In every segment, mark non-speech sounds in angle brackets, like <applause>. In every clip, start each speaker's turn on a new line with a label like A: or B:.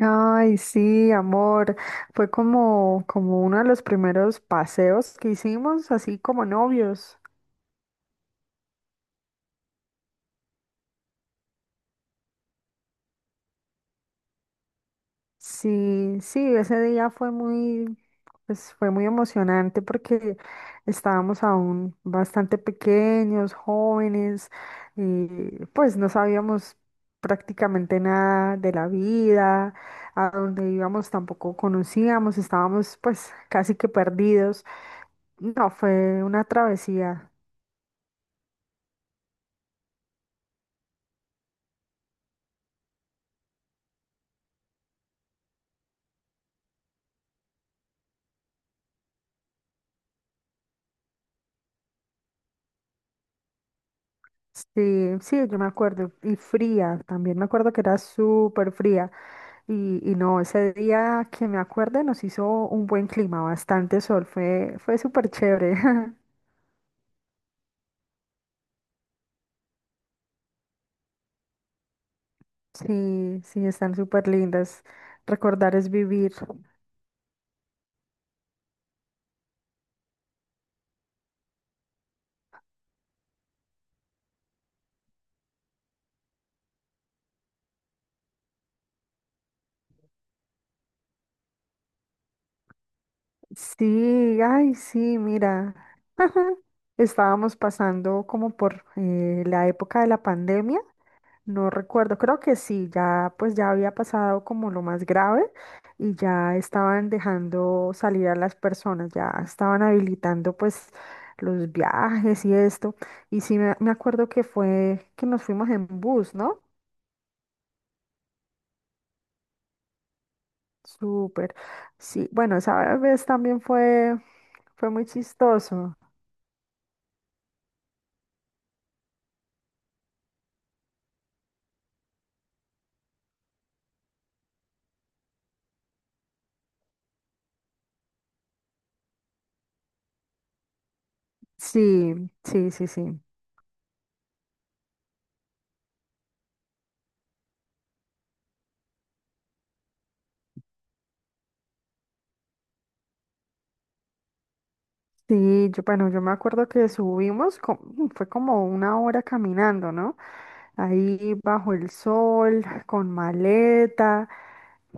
A: Ay, sí, amor. Fue como uno de los primeros paseos que hicimos, así como novios. Sí, sí, ese día pues fue muy emocionante porque estábamos aún bastante pequeños, jóvenes, y pues no sabíamos prácticamente nada de la vida. A dónde íbamos tampoco conocíamos, estábamos pues casi que perdidos. No, fue una travesía. Sí, sí, yo me acuerdo. Y fría, también me acuerdo que era súper fría. Y no, ese día que me acuerde nos hizo un buen clima, bastante sol, fue súper chévere. <laughs> Sí, sí, están súper lindas. Recordar es vivir. Sí, ay, sí, mira, estábamos pasando como por la época de la pandemia. No recuerdo, creo que sí, pues ya había pasado como lo más grave y ya estaban dejando salir a las personas, ya estaban habilitando pues los viajes y esto. Y sí me acuerdo que fue que nos fuimos en bus, ¿no? Súper. Sí, bueno, esa vez también fue fue muy chistoso. Sí, sí, sí, sí. Sí, yo, bueno, yo me acuerdo que fue como una hora caminando, ¿no? Ahí bajo el sol, con maleta.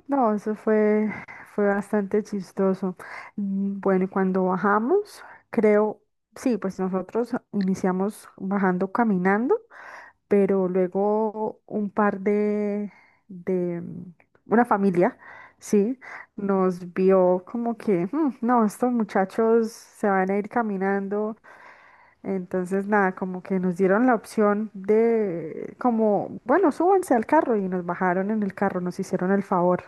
A: No, fue bastante chistoso. Bueno, y cuando bajamos, creo, sí, pues nosotros iniciamos bajando caminando, pero luego un par de mm, una familia, sí, nos vio como que, "Mm, no, estos muchachos se van a ir caminando". Entonces, nada, como que nos dieron la opción de, como, bueno, súbanse al carro y nos bajaron en el carro, nos hicieron el favor.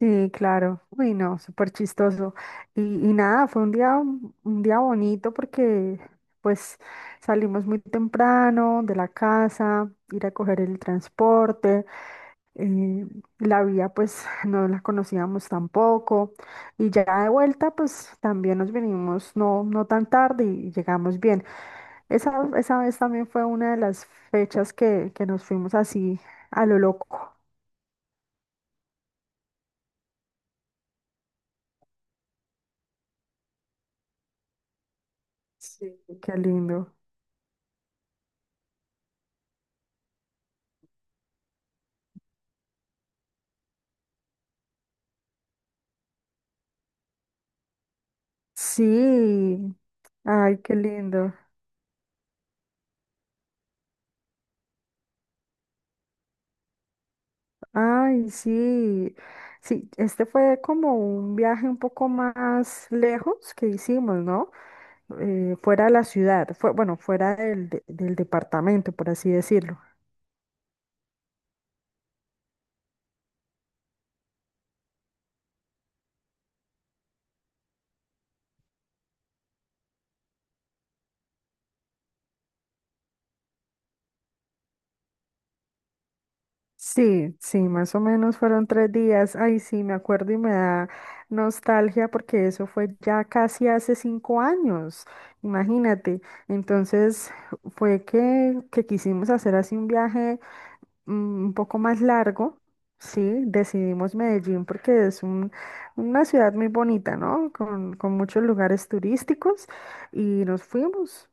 A: Sí, claro. Uy, no, súper chistoso. Y nada, fue un día bonito porque pues salimos muy temprano de la casa, ir a coger el transporte. eh, la vía pues no la conocíamos tampoco. Y ya de vuelta pues también nos venimos no tan tarde y llegamos bien. Esa, Esa vez también fue una de las fechas que nos fuimos así a lo loco. Sí. Qué lindo. Sí, ay, qué lindo. Ay, sí. Sí, este fue como un viaje un poco más lejos que hicimos, ¿no? Fuera de la ciudad, fue, bueno, fuera del departamento, por así decirlo. Sí, sí, más o menos fueron tres días. Ay, sí, me acuerdo y me da nostalgia porque eso fue ya casi hace cinco años, imagínate. Entonces fue que quisimos hacer así un viaje un poco más largo. Sí, decidimos Medellín porque es una ciudad muy bonita, ¿no? Con muchos lugares turísticos y nos fuimos.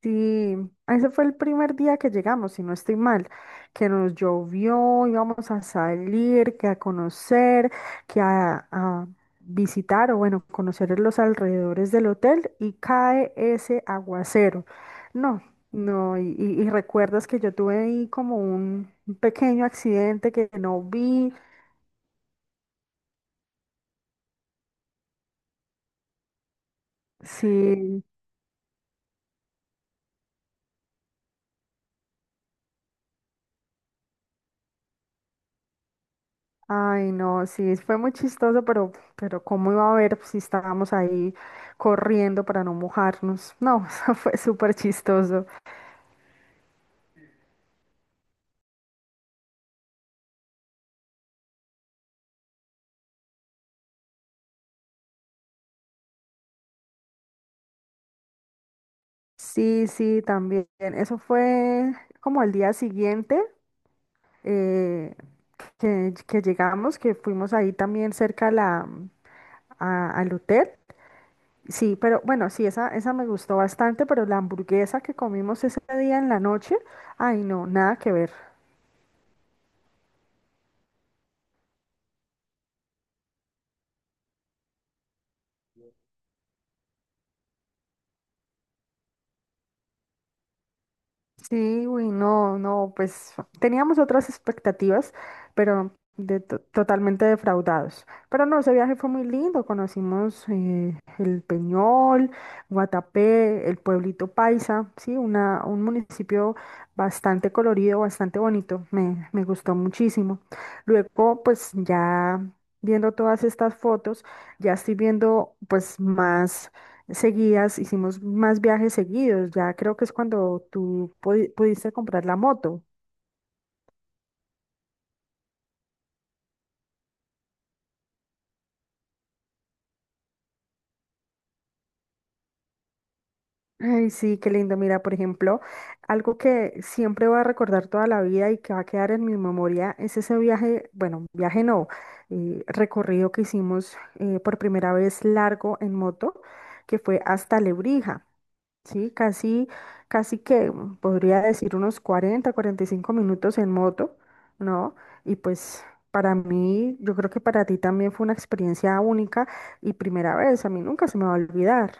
A: Sí, ese fue el primer día que llegamos, si no estoy mal, que nos llovió. Íbamos a salir, que a conocer, a visitar o bueno, conocer los alrededores del hotel y cae ese aguacero. No, no, y recuerdas que yo tuve ahí como un pequeño accidente que no vi, sí. Ay, no, sí, fue muy chistoso, pero ¿cómo iba a ver si estábamos ahí corriendo para no mojarnos? No, <laughs> eso fue súper chistoso. Sí, sí, también. Eso fue como al día siguiente eh, que llegamos, que fuimos ahí también cerca a al hotel. Sí, pero bueno, sí, esa me gustó bastante, pero la hamburguesa que comimos ese día en la noche, ay, no, nada que ver. Sí, güey, no, no, pues teníamos otras expectativas, pero totalmente defraudados. Pero no, ese viaje fue muy lindo. Conocimos el Peñol, Guatapé, el pueblito Paisa, sí, un municipio bastante colorido, bastante bonito. Me gustó muchísimo. Luego, pues ya viendo todas estas fotos, ya estoy viendo pues más seguidas, hicimos más viajes seguidos. Ya creo que es cuando pudiste comprar la moto. Ay, sí, qué lindo. Mira, por ejemplo, algo que siempre voy a recordar toda la vida y que va a quedar en mi memoria es ese viaje, bueno, viaje no, recorrido que hicimos por primera vez largo en moto, que fue hasta Lebrija. Sí, casi que podría decir unos 40, 45 minutos en moto, ¿no? Y pues para mí, yo creo que para ti también fue una experiencia única y primera vez, a mí nunca se me va a olvidar.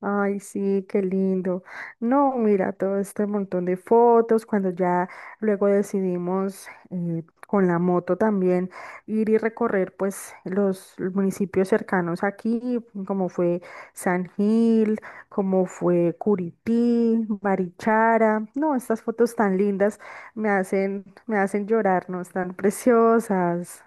A: Ay, sí, qué lindo. No, mira, todo este montón de fotos, cuando ya luego decidimos con la moto también ir y recorrer pues los municipios cercanos aquí, como fue San Gil, como fue Curití, Barichara. No, estas fotos tan lindas me hacen llorar, ¿no? Están preciosas.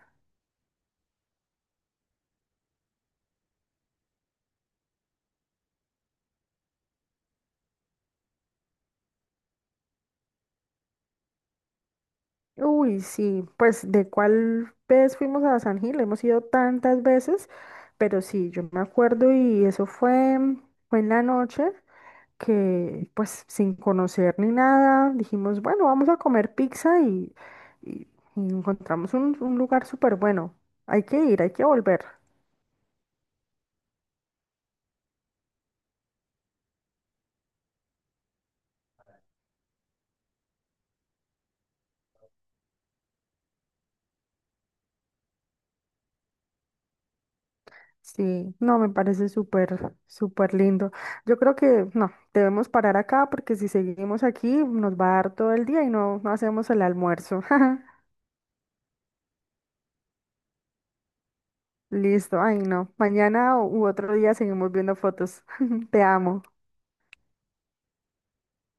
A: Uy, sí, pues de cuál vez fuimos a San Gil, hemos ido tantas veces, pero sí, yo me acuerdo y fue en la noche que pues sin conocer ni nada, dijimos, bueno, vamos a comer pizza y- y encontramos un lugar súper bueno, hay que ir, hay que volver. Sí, no, me parece súper lindo. Yo creo que no, debemos parar acá porque si seguimos aquí nos va a dar todo el día y no, no hacemos el almuerzo. <laughs> Listo, ay no. Mañana u otro día seguimos viendo fotos. <laughs> Te amo.